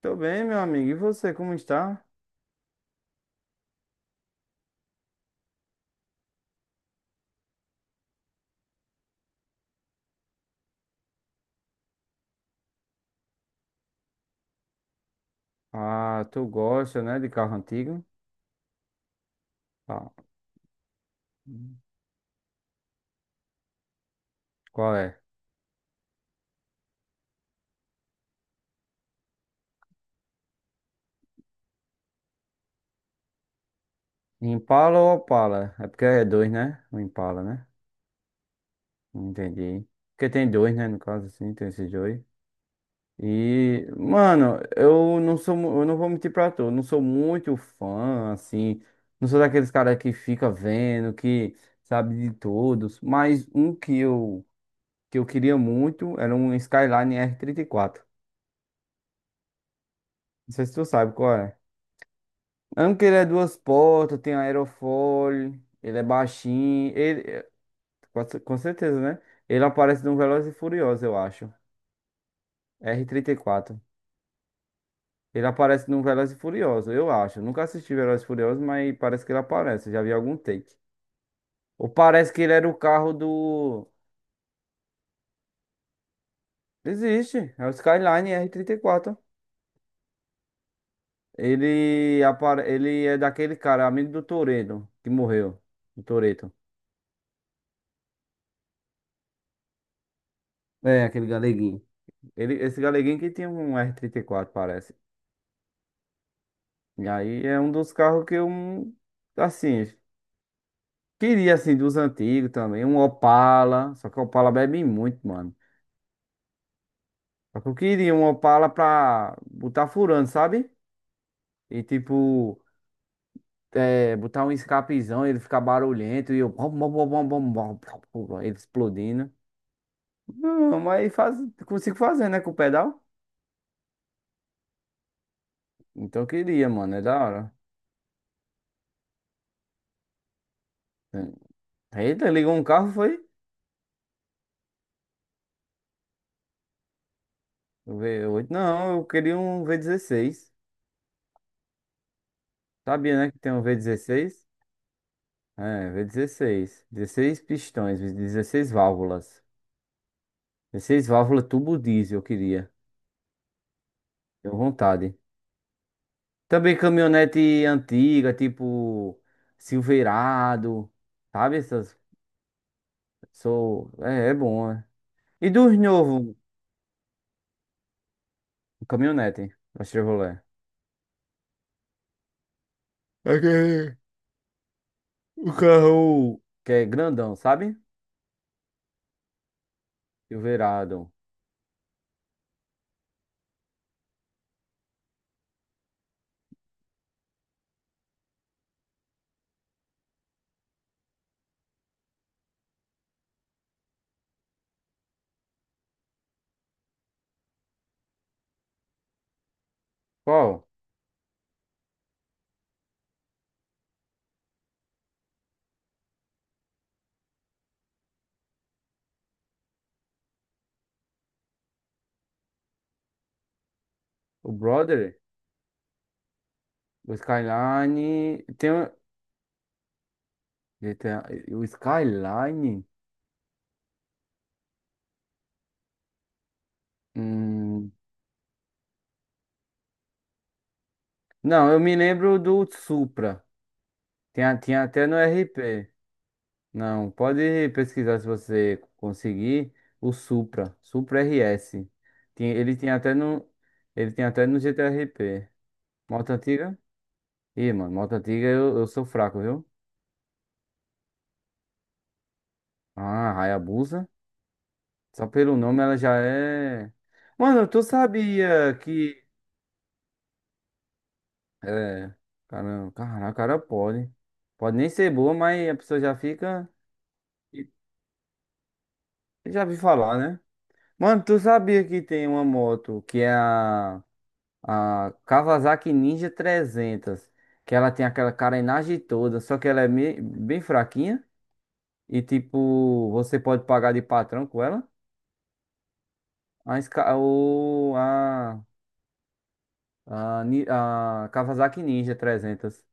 Tô bem, meu amigo. E você, como está? Ah, tu gosta, né, de carro antigo? Ah, qual é? Impala ou Opala? É porque é dois, né? O Impala, né? Não entendi. Porque tem dois, né? No caso, assim, tem esses dois. E, mano, eu não sou, eu não vou mentir pra tu, eu não sou muito fã, assim, não sou daqueles caras que fica vendo, que sabe de todos, mas um que eu queria muito era um Skyline R34. Não sei se tu sabe qual é. Mesmo que ele é duas portas, tem aerofólio, ele é baixinho, ele, é, com certeza, né? Ele aparece num Velozes e Furiosos, eu acho. R34. Ele aparece num Velozes e Furiosos, eu acho. Nunca assisti Velozes e Furiosos, mas parece que ele aparece, já vi algum take. Ou parece que ele era o carro do... Existe, é o Skyline R34. Ele é daquele cara, amigo do Toretto, que morreu. O Toretto. É, aquele galeguinho. Esse galeguinho que tinha um R34, parece. E aí é um dos carros que eu, assim, queria, assim, dos antigos também, um Opala, só que o Opala bebe muito, mano. Só que eu queria um Opala pra botar furando, sabe? E tipo, é, botar um escapezão, ele ficar barulhento e eu, bom, bom, bom, bom, bom, bom, bom, bom, bom, ele explodindo. Não, mas consigo fazer, né, com o pedal. Então eu queria, mano, é da hora. Eita, ligou um carro, foi? O V8? Não, eu queria um V16. Sabia, né, que tem um V16? É, V16 16 pistões, 16 válvulas. 16 válvulas tubo diesel, eu queria. Tenho vontade. Também caminhonete antiga, tipo Silverado, sabe? Essas. Sou. É, é bom, né? E dos novos, caminhonete, da Chevrolet. Aquele, o carro, que é grandão, sabe? Silverado. Qual? O Brother? O Skyline. GTA, o Skyline? Hum. Não, eu me lembro do Supra. Tinha até no RP. Não, pode pesquisar se você conseguir o Supra RS. Tinha- ele tinha até no, ele tinha até no GTRP. Moto antiga? Ih, mano, moto antiga eu sou fraco, viu? Ah, Hayabusa. Só pelo nome ela já é. Mano, tu sabia que. É. Caramba, caraca, cara pode. Pode nem ser boa, mas a pessoa já fica. Já vi falar, né? Mano, tu sabia que tem uma moto que é a Kawasaki Ninja 300, que ela tem aquela carenagem toda, só que ela é bem fraquinha e tipo, você pode pagar de patrão com ela? A, Ska- o, a, Ni- a Kawasaki Ninja 300.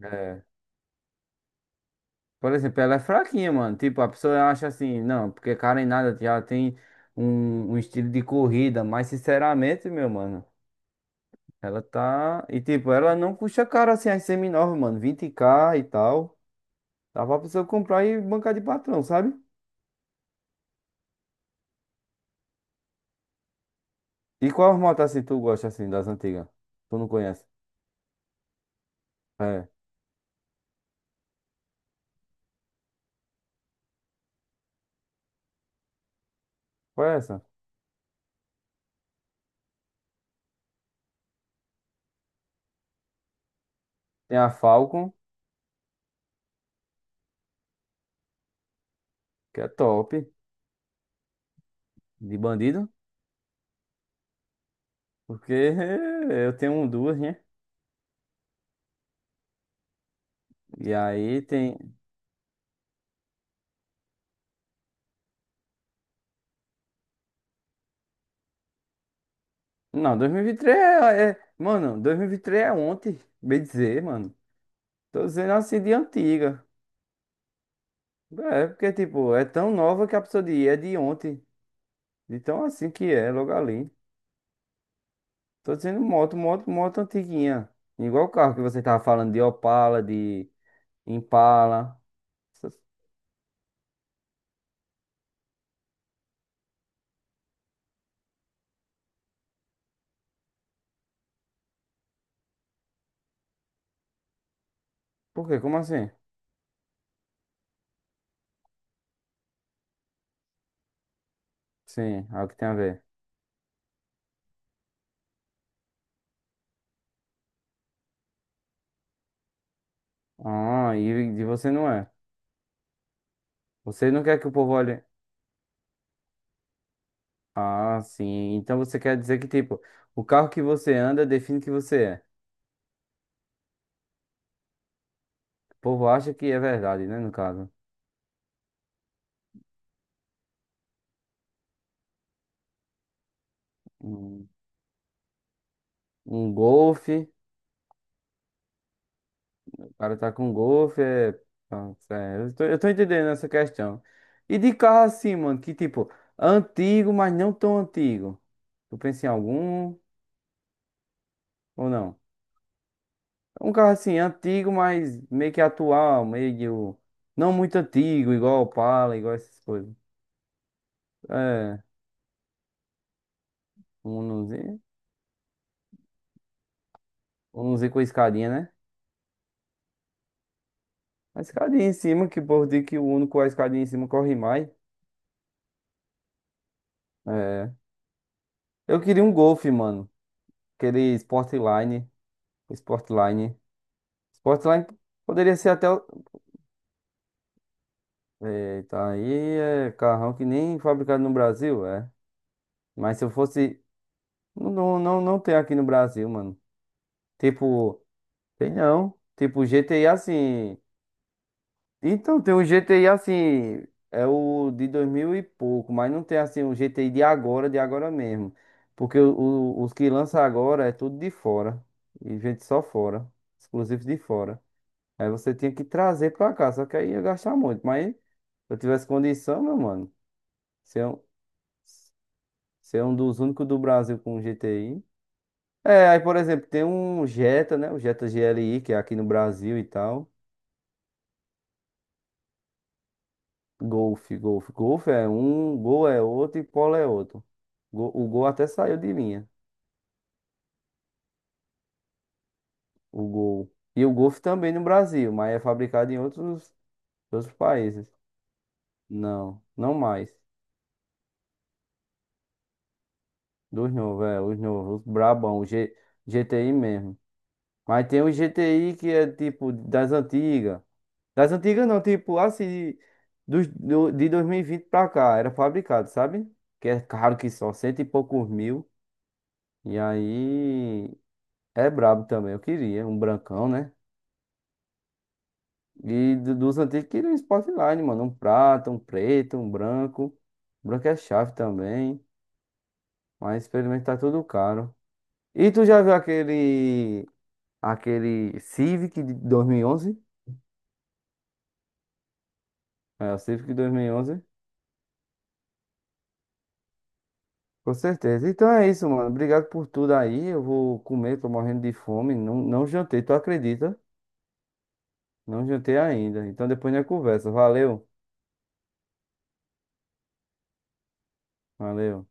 É. Por exemplo, ela é fraquinha, mano. Tipo, a pessoa acha assim, não, porque carenada já tem um estilo de corrida, mas sinceramente, meu mano. Ela tá. E tipo, ela não custa caro assim as seminovas, mano. 20k e tal. Dá pra pessoa comprar e bancar de patrão, sabe? E qual moto assim tu gosta assim das antigas? Tu não conhece? É. Qual é essa? Tem a Falcon, que é top, de bandido. Porque eu tenho um, duas, né? E aí tem. Não, 2023 é. Mano, 2023 é ontem, bem dizer, mano. Tô dizendo assim de antiga. É, porque tipo, é tão nova que a pessoa de é de ontem. Então assim que é, logo ali. Tô dizendo moto antiguinha. Igual o carro que você tava falando de Opala, de Impala. Essas- Por quê? Como assim? Sim, é o que tem a ver. Ah, e de você não é. Você não quer que o povo olhe. Ah, sim. Então você quer dizer que, tipo, o carro que você anda define que você é. O povo acha que é verdade, né? No caso. Um, um Golf. O cara tá com golfe, é... Pronto, eu tô entendendo essa questão. E de carro assim, mano, que tipo, antigo, mas não tão antigo. Tu pensa em algum ou não? Um carro assim, antigo, mas meio que atual, meio. Não muito antigo, igual o Opala, igual essas coisas. É, um Unozinho. Um Unozinho com escadinha, né? A escadinha em cima, que o povo diz que o Uno com a escadinha em cima corre mais. É. Eu queria um Golf, mano. Aquele Sportline. Sportline. Sportline poderia ser até. Eita, aí é carrão que nem fabricado no Brasil, é. Mas se eu fosse. Não, não, não tem aqui no Brasil, mano. Tipo, tem não. Tipo, GTI assim. Então, tem um GTI assim. É o de 2000 e pouco, mas não tem assim um GTI de agora mesmo. Porque os que lança agora é tudo de fora. E gente só fora. Exclusivo de fora. Aí você tinha que trazer pra cá, só que aí ia gastar muito. Mas se eu tivesse condição, meu mano, ser um, ser um dos únicos do Brasil com GTI. É, aí por exemplo, tem um Jetta, né? O Jetta GLI, que é aqui no Brasil e tal. Golf é um, Gol é outro e Polo é outro. O Gol até saiu de linha, o Gol. E o Golf também no Brasil, mas é fabricado em outros países. Não, não mais. Dos novos, os novos, os brabão, GTI mesmo. Mas tem o GTI que é tipo das antigas. Das antigas não, tipo assim, de 2020 pra cá, era fabricado, sabe? Que é caro que só, cento e poucos mil. E aí é brabo também, eu queria, um brancão, né? E dos antigos queria um Sportline, mano. Um prata, um preto, um branco. Branco é chave também. Mas pelo tá tudo caro. E tu já viu aquele. Aquele Civic de 2011? É, o Civic de 2011. Com certeza. Então é isso, mano. Obrigado por tudo aí. Eu vou comer, tô morrendo de fome. Não, não jantei, tu acredita? Não jantei ainda. Então depois a gente conversa. Valeu. Valeu.